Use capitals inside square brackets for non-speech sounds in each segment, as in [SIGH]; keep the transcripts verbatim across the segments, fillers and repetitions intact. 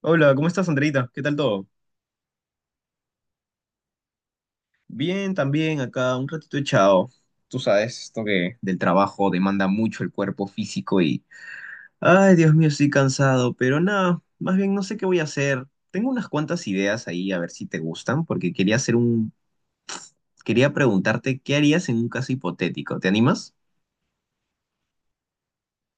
Hola, ¿cómo estás, Andreita? ¿Qué tal todo? Bien, también acá un ratito echado. Tú sabes, esto que del trabajo demanda mucho el cuerpo físico y... Ay, Dios mío, estoy cansado, pero nada, más bien no sé qué voy a hacer. Tengo unas cuantas ideas ahí, a ver si te gustan, porque quería hacer un... Quería preguntarte qué harías en un caso hipotético. ¿Te animas?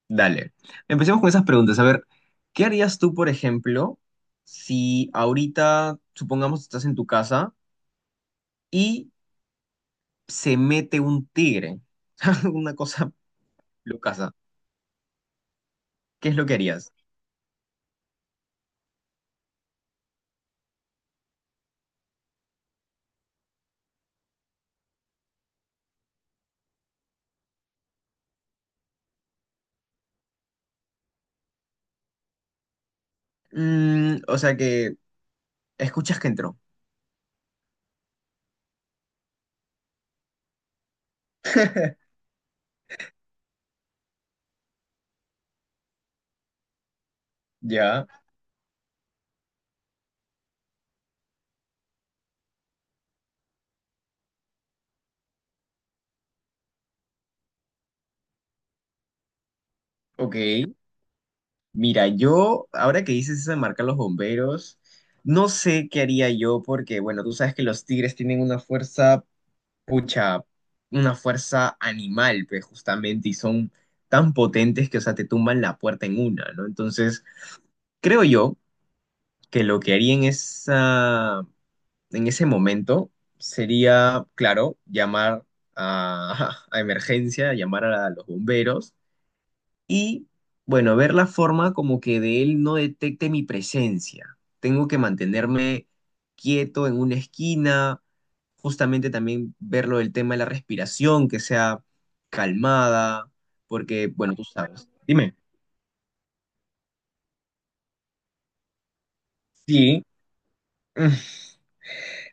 Dale. Empecemos con esas preguntas. A ver, ¿qué harías tú, por ejemplo, si ahorita, supongamos, estás en tu casa y se mete un tigre. [LAUGHS] Una cosa lucasa. ¿Qué es lo que harías? Mm, o sea que escuchas que entró. Ya, ok. Mira, yo, ahora que dices eso de marcar los bomberos, no sé qué haría yo porque, bueno, tú sabes que los tigres tienen una fuerza, pucha, una fuerza animal, pues justamente, y son tan potentes que, o sea, te tumban la puerta en una, ¿no? Entonces, creo yo que lo que haría en esa, en ese momento sería, claro, llamar a, [LAUGHS] a emergencia, llamar a los bomberos y, bueno, ver la forma como que de él no detecte mi presencia. Tengo que mantenerme quieto en una esquina, justamente también ver lo del tema de la respiración, que sea calmada, porque, bueno, tú sabes. Dime. Sí. [LAUGHS]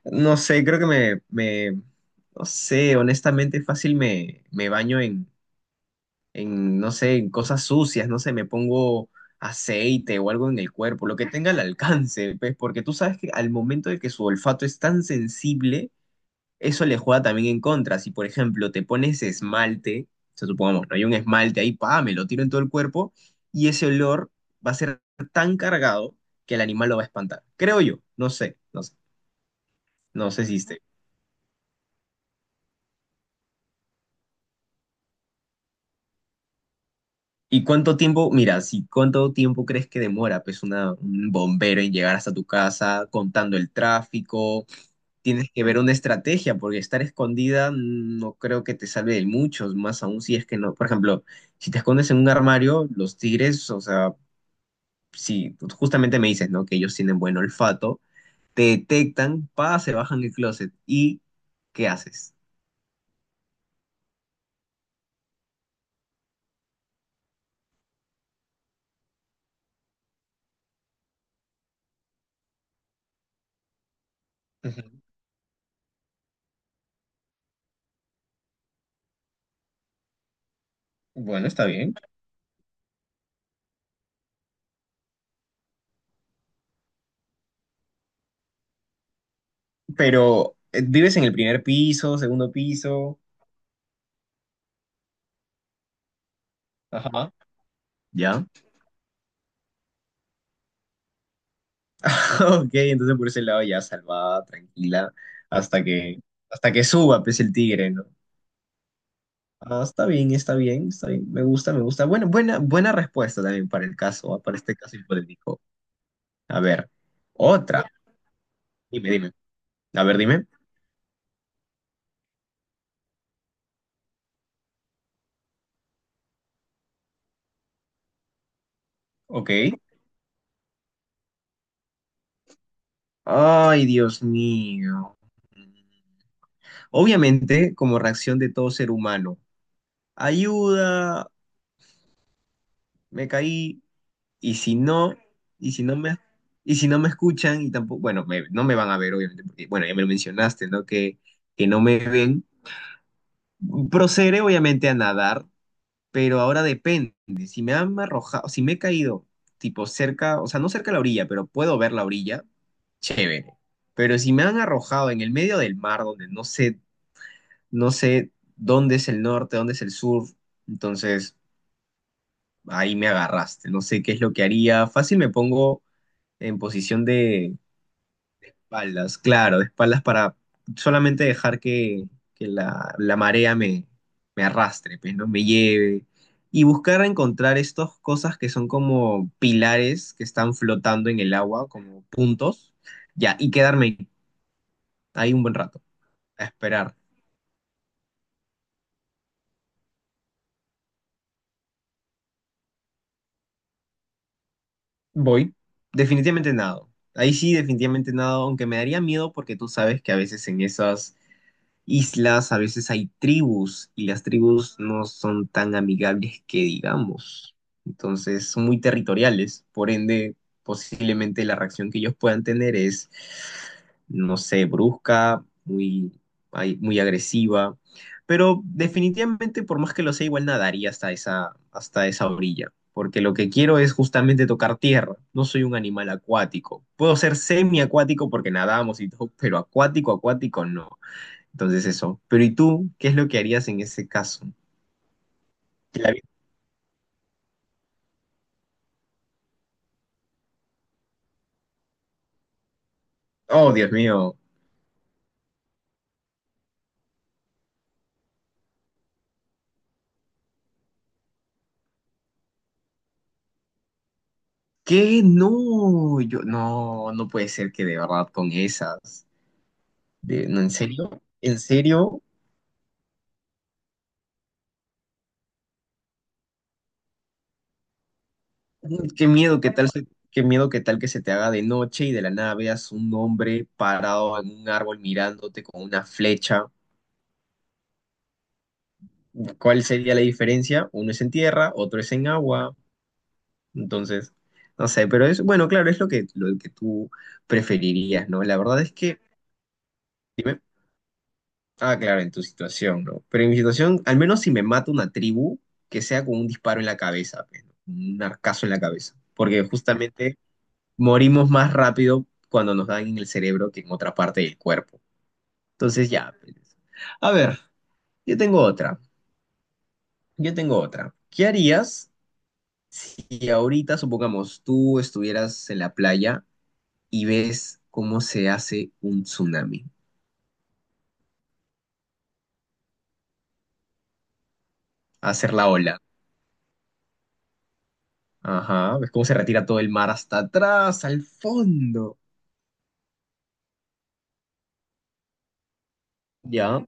Mm, No sé, creo que me, me- no sé, honestamente fácil me, me baño en, en, no sé, en cosas sucias, no sé, me pongo aceite o algo en el cuerpo, lo que tenga al alcance, pues, porque tú sabes que al momento de que su olfato es tan sensible, eso le juega también en contra. Si, por ejemplo, te pones esmalte, o sea, supongamos, no hay un esmalte ahí, pa, me lo tiro en todo el cuerpo, y ese olor va a ser tan cargado que el animal lo va a espantar. Creo yo, no sé, no sé, no sé si ¿Y cuánto tiempo, mira, si cuánto tiempo crees que demora, pues, una, un bombero en llegar hasta tu casa, contando el tráfico? Tienes que ver una estrategia, porque estar escondida no creo que te salve de muchos, más aún si es que no. Por ejemplo, si te escondes en un armario, los tigres, o sea, si justamente me dices, ¿no? Que ellos tienen buen olfato, te detectan, pa, se bajan el closet. ¿Y qué haces? Ujú. Bueno, está bien. Pero, eh, ¿vives en el primer piso, segundo piso? Ajá. ¿Ya? [LAUGHS] Ok, entonces por ese lado ya salvada, tranquila, hasta que, hasta que suba, pues, el tigre, ¿no? Ah, está bien, está bien, está bien, me gusta, me gusta. Bueno, buena, buena respuesta también para el caso, ah, para este caso hipotético. A ver, otra. Dime, dime. A ver, dime. Ok. Ay, Dios mío. Obviamente, como reacción de todo ser humano, ayuda, me caí, y si no, y si no me, y si no me escuchan y tampoco, bueno, me- no me van a ver, obviamente, porque, bueno, ya me lo mencionaste, ¿no? Que, que no me ven. Procederé, obviamente, a nadar, pero ahora depende. Si me han arrojado, si me he caído, tipo cerca, o sea, no cerca de la orilla, pero puedo ver la orilla, chévere. Pero si me han arrojado en el medio del mar, donde no sé, no sé dónde es el norte, dónde es el sur, entonces ahí me agarraste. No sé qué es lo que haría. Fácil me pongo en posición de espaldas, claro, de espaldas para solamente dejar que, que la, la marea me, me arrastre, pues, ¿no? Me lleve. Y buscar encontrar estas cosas que son como pilares que están flotando en el agua, como puntos, ya, y quedarme ahí un buen rato, a esperar. Voy. Definitivamente nado. Ahí sí, definitivamente nado, aunque me daría miedo porque tú sabes que a veces en esas islas, a veces hay tribus y las tribus no son tan amigables que digamos. Entonces son muy territoriales, por ende posiblemente la reacción que ellos puedan tener es, no sé, brusca, muy, ay, muy agresiva, pero definitivamente por más que lo sea igual nadaría hasta esa, hasta esa orilla. Porque lo que quiero es justamente tocar tierra. No soy un animal acuático. Puedo ser semiacuático porque nadamos y todo, pero acuático, acuático no. Entonces eso. Pero ¿y tú? ¿Qué es lo que harías en ese caso? La vi- Oh, Dios mío. ¿Qué? No, yo no, no puede ser que de verdad con esas. De, no, ¿en serio? ¿En serio? mm, Qué miedo, qué tal, se- qué miedo, qué tal que se te haga de noche y de la nada veas un hombre parado en un árbol mirándote con una flecha. ¿Cuál sería la diferencia? Uno es en tierra, otro es en agua. Entonces, no sé, pero es, bueno, claro, es lo que, lo que tú preferirías, ¿no? La verdad es que... Ah, claro, en tu situación, ¿no? Pero en mi situación, al menos si me mata una tribu, que sea con un disparo en la cabeza, pues, ¿no? Un arcazo en la cabeza. Porque justamente morimos más rápido cuando nos dan en el cerebro que en otra parte del cuerpo. Entonces, ya, pues. A ver, yo tengo otra. Yo tengo otra. ¿Qué harías si ahorita, supongamos, tú estuvieras en la playa y ves cómo se hace un tsunami? Hacer la ola. Ajá, ves cómo se retira todo el mar hasta atrás, al fondo. Ya,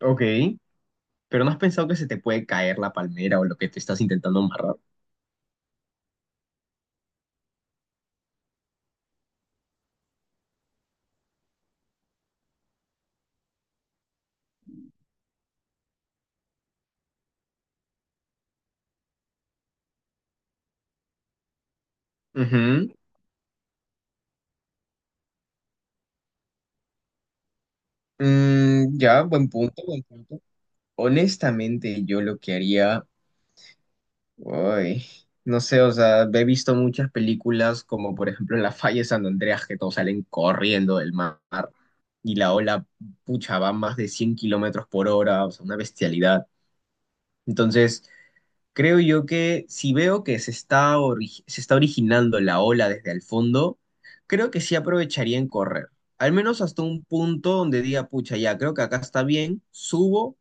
ok. Pero no has pensado que se te puede caer la palmera o lo que te estás intentando amarrar. Ujú. Mm, ya, buen punto, buen punto. Honestamente, yo lo que haría, uy, no sé, o sea, he visto muchas películas como por ejemplo en La Falla de San Andreas que todos salen corriendo del mar y la ola, pucha, va a más de cien kilómetros por hora, o sea, una bestialidad. Entonces... Creo yo que si veo que se está, ori- se está originando la ola desde el fondo, creo que sí aprovecharía en correr. Al menos hasta un punto donde diga, pucha, ya, creo que acá está bien, subo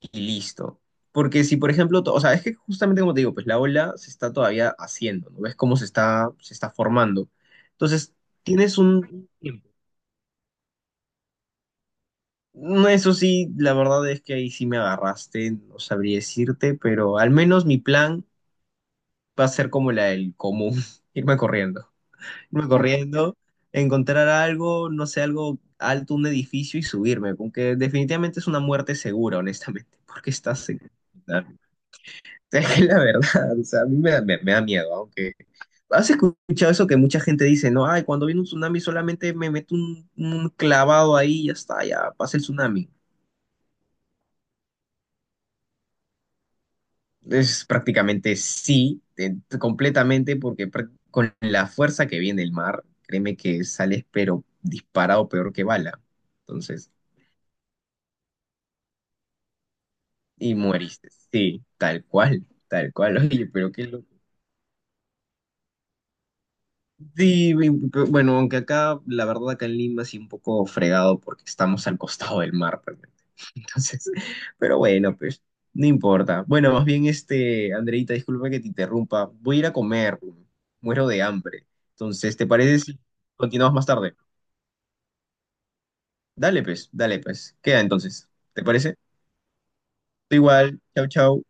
y listo. Porque si, por ejemplo, to- o sea, es que justamente como te digo, pues la ola se está todavía haciendo, ¿no? ¿Ves cómo se está, se está formando? Entonces, tienes un... Tiempo. No, eso sí, la verdad es que ahí sí me agarraste, no sabría decirte, pero al menos mi plan va a ser como la del común, [LAUGHS] irme corriendo, irme corriendo, encontrar algo, no sé, algo alto, un edificio y subirme, aunque definitivamente es una muerte segura, honestamente, [LAUGHS] porque estás en... [LAUGHS] Es la verdad, o sea, a mí me da, me- me da miedo, aunque... ¿Has escuchado eso que mucha gente dice, no, ay, cuando viene un tsunami solamente me meto un, un clavado ahí y ya está, ya pasa el tsunami? Es prácticamente sí, te- completamente, porque práct- con la fuerza que viene el mar, créeme que sales pero disparado peor que bala. Entonces, y mueriste. Sí, tal cual, tal cual. [LAUGHS] Oye, pero qué, lo- sí, vi- bueno, aunque acá, la verdad, acá en Lima sí un poco fregado porque estamos al costado del mar, realmente. [LAUGHS] Entonces, pero bueno, pues, no importa. Bueno, más bien, este, Andreita, disculpa que te interrumpa. Voy a ir a comer, muero de hambre. Entonces, ¿te parece si continuamos más tarde? Dale, pues, dale, pues. Queda entonces. ¿Te parece? Igual, chau, chau.